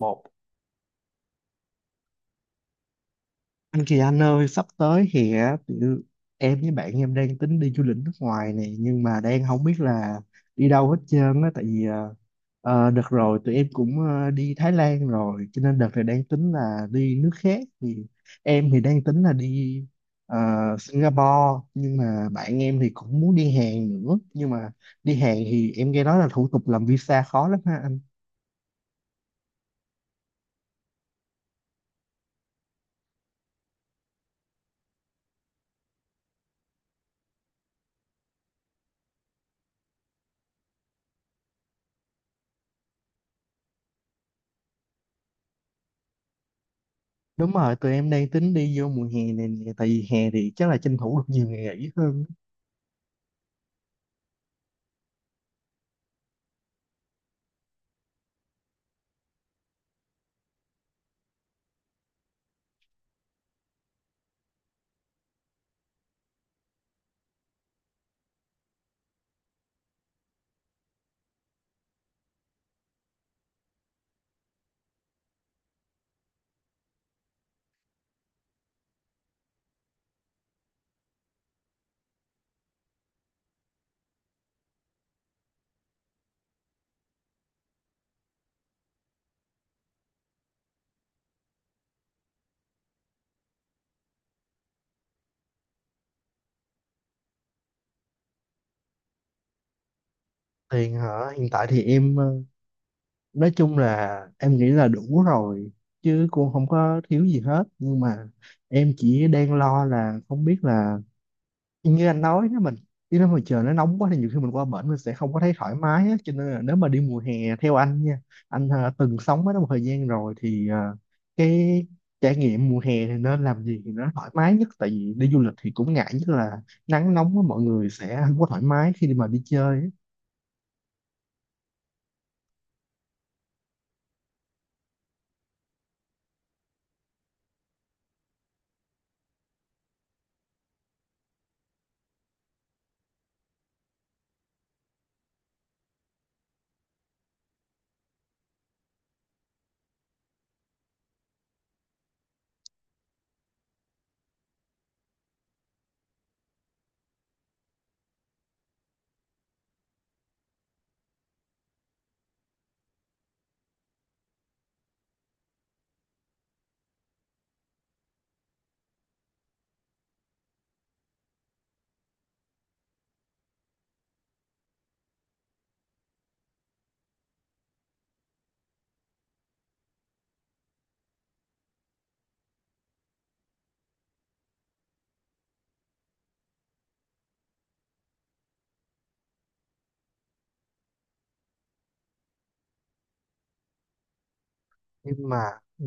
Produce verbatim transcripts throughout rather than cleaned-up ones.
Một. Anh Kỳ Anh ơi, sắp tới thì á, tụi em với bạn em đang tính đi du lịch nước ngoài này, nhưng mà đang không biết là đi đâu hết trơn á, tại vì ờ, ờ, đợt rồi tụi em cũng ờ, đi Thái Lan rồi, cho nên đợt này đang tính là đi nước khác. Thì em thì đang tính là đi ờ, Singapore, nhưng mà bạn em thì cũng muốn đi Hàn nữa, nhưng mà đi Hàn thì em nghe nói là thủ tục làm visa khó lắm ha anh. Đúng rồi, tụi em đang tính đi vô mùa hè này nè, tại vì hè thì chắc là tranh thủ được nhiều ngày nghỉ hơn. Tiền hả? Hiện tại thì em ờ, nói chung là em nghĩ là đủ rồi, chứ cũng không có thiếu gì hết, nhưng mà em chỉ đang lo là không biết là, như anh nói, nếu mình đi, nếu mà trời nó nóng quá thì nhiều khi mình qua bển mình sẽ không có thấy thoải mái á, cho nên là nếu mà đi mùa hè, theo anh nha, anh ờ, từng sống ở đó một thời gian rồi thì ờ, cái trải nghiệm mùa hè thì nên làm gì thì nó thoải mái nhất, tại vì đi du lịch thì cũng ngại nhất là nắng nóng á, mọi người sẽ không có thoải mái khi đi mà đi chơi á. Nhưng mà. Ừ.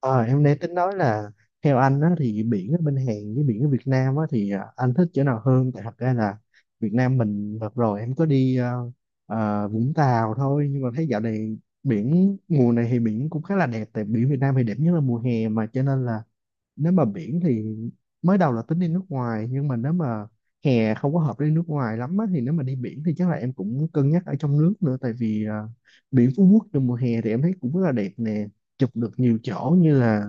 Ờ, em đang tính nói là, theo anh á, thì biển ở bên Hàn với biển ở Việt Nam á, thì à, anh thích chỗ nào hơn? Tại thật ra là Việt Nam mình đợt rồi em có đi ờ, ờ, Vũng Tàu thôi, nhưng mà thấy dạo này biển mùa này thì biển cũng khá là đẹp, tại biển Việt Nam thì đẹp nhất là mùa hè mà, cho nên là, nếu mà biển thì, mới đầu là tính đi nước ngoài, nhưng mà nếu mà hè không có hợp đi nước ngoài lắm á, thì nếu mà đi biển thì chắc là em cũng cân nhắc ở trong nước nữa, tại vì à, biển Phú Quốc trong mùa hè thì em thấy cũng rất là đẹp nè, chụp được nhiều chỗ, như là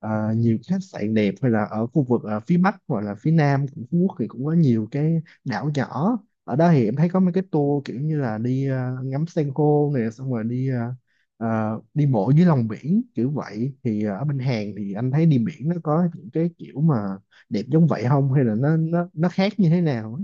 à, nhiều khách sạn đẹp, hay là ở khu vực à, phía Bắc hoặc là phía Nam của Phú Quốc thì cũng có nhiều cái đảo nhỏ. Ở đó thì em thấy có mấy cái tour kiểu như là đi à, ngắm san hô nè, xong rồi đi à, ờ, đi bộ dưới lòng biển kiểu vậy. Thì ờ, ở bên Hàn thì anh thấy đi biển nó có những cái kiểu mà đẹp giống vậy không, hay là nó nó nó khác như thế nào?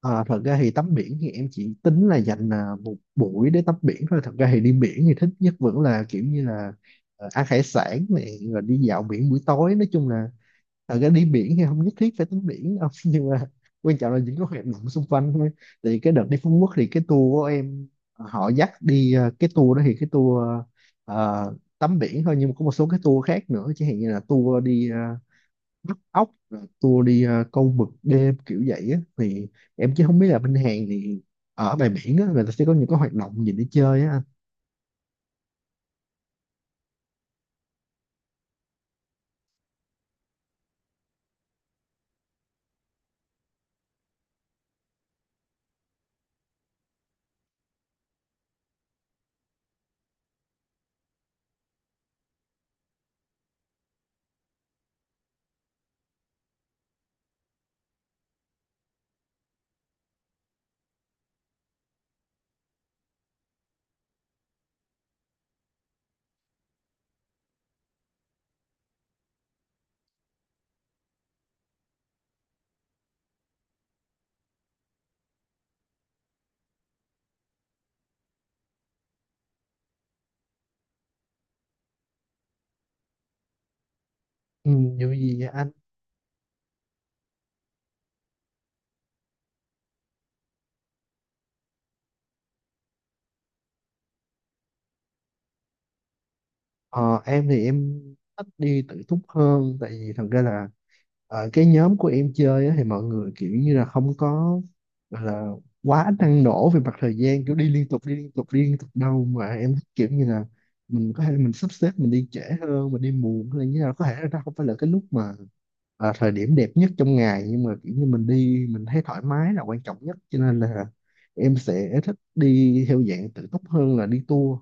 Ờ, thật ra thì tắm biển thì em chỉ tính là dành à, một buổi để tắm biển thôi. Thật ra thì đi biển thì thích nhất vẫn là kiểu như là ờ, ăn hải sản này rồi đi dạo biển buổi tối. Nói chung là thật ra đi biển thì không nhất thiết phải tắm biển đâu. Nhưng mà quan trọng là những cái hoạt động xung quanh thôi. Thì cái đợt đi Phú Quốc thì cái tour của em, ờ, họ dắt đi, ờ, cái tour đó thì cái tour ờ, tắm biển thôi. Nhưng mà có một số cái tour khác nữa. Chẳng hạn như là tour đi ờ, bắt ốc, rồi tour đi ờ, câu mực đêm kiểu vậy á. Thì em chứ không biết là bên Hàn thì ở ngoài biển á, người ta sẽ có những cái hoạt động gì để chơi á anh? Ừ, như gì vậy? Ờ, em thì em thích đi tự túc hơn, tại vì thật ra là ở cái nhóm của em chơi á, thì mọi người kiểu như là không có, gọi là, quá năng nổ về mặt thời gian, kiểu đi liên tục đi liên tục đi liên tục đâu, mà em thích kiểu như là mình có thể là mình sắp xếp mình đi trễ hơn, mình đi muộn hay là như nào, có thể là nó không phải là cái lúc mà à, thời điểm đẹp nhất trong ngày, nhưng mà kiểu như mình đi mình thấy thoải mái là quan trọng nhất, cho nên là em sẽ thích đi theo dạng tự túc hơn là đi tour.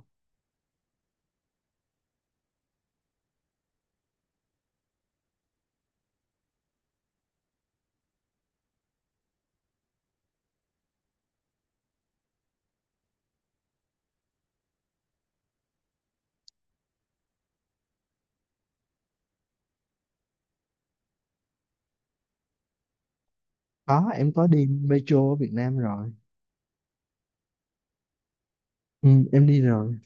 Có, em có đi metro ở Việt Nam rồi. Ừ, em đi rồi.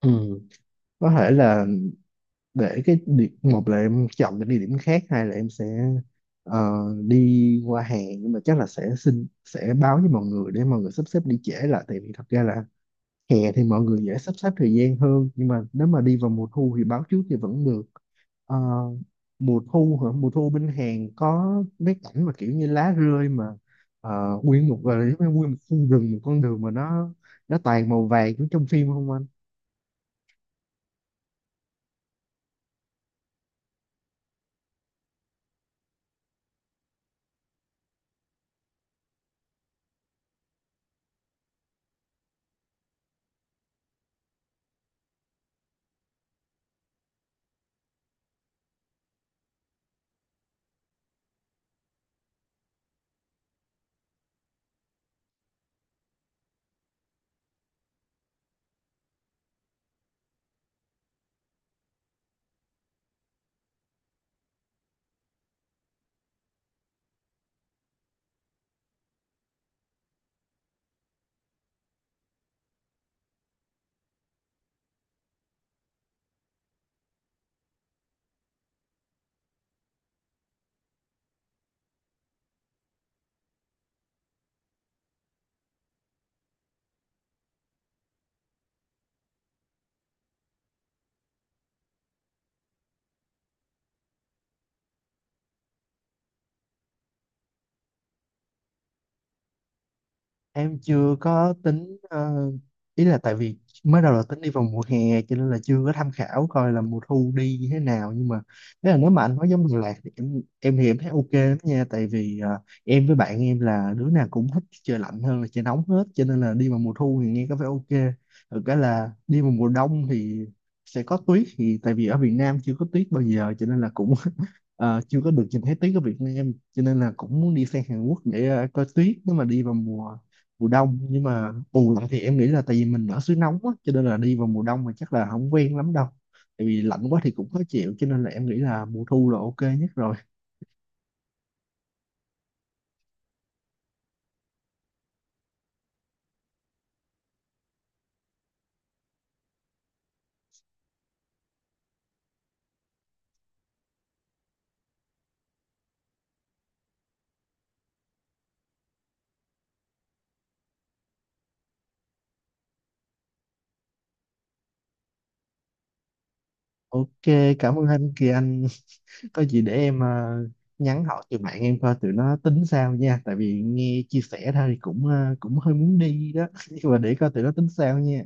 Ừ. Có thể là, để cái điểm, một là em chọn cái địa điểm khác, hai là em sẽ ờ, đi qua hàng, nhưng mà chắc là sẽ xin, sẽ báo với mọi người để mọi người sắp xếp đi trễ lại, tại vì thật ra là hè thì mọi người dễ sắp xếp thời gian hơn, nhưng mà nếu mà đi vào mùa thu thì báo trước thì vẫn được. Ờ, mùa thu hả? Mùa thu bên Hàn có mấy cảnh mà kiểu như lá rơi mà ờ, nguyên một, gọi là giống như nguyên một khu rừng, một con đường mà nó nó toàn màu vàng giống trong phim không anh? Em chưa có tính, ờ, ý là tại vì mới đầu là tính đi vào mùa hè, cho nên là chưa có tham khảo coi là mùa thu đi như thế nào, nhưng mà nếu là nếu mà anh nói giống Đà Lạt thì em em thì em thấy OK lắm nha, tại vì ờ, em với bạn em là đứa nào cũng thích trời lạnh hơn là trời nóng hết, cho nên là đi vào mùa thu thì nghe có vẻ OK. Thực cái là đi vào mùa đông thì sẽ có tuyết, thì tại vì ở Việt Nam chưa có tuyết bao giờ cho nên là cũng ờ, chưa có được nhìn thấy tuyết ở Việt Nam, cho nên là cũng muốn đi sang Hàn Quốc để ờ, coi tuyết nếu mà đi vào mùa mùa đông, nhưng mà bù lại thì em nghĩ là tại vì mình ở xứ nóng á, cho nên là đi vào mùa đông mà chắc là không quen lắm đâu, tại vì lạnh quá thì cũng khó chịu, cho nên là em nghĩ là mùa thu là OK nhất rồi. OK, cảm ơn anh Kỳ Anh. Có gì để em ờ, nhắn hỏi tụi bạn em coi tụi nó tính sao nha, tại vì nghe chia sẻ thôi thì cũng ờ, cũng hơi muốn đi đó, nhưng mà để coi tụi nó tính sao nha.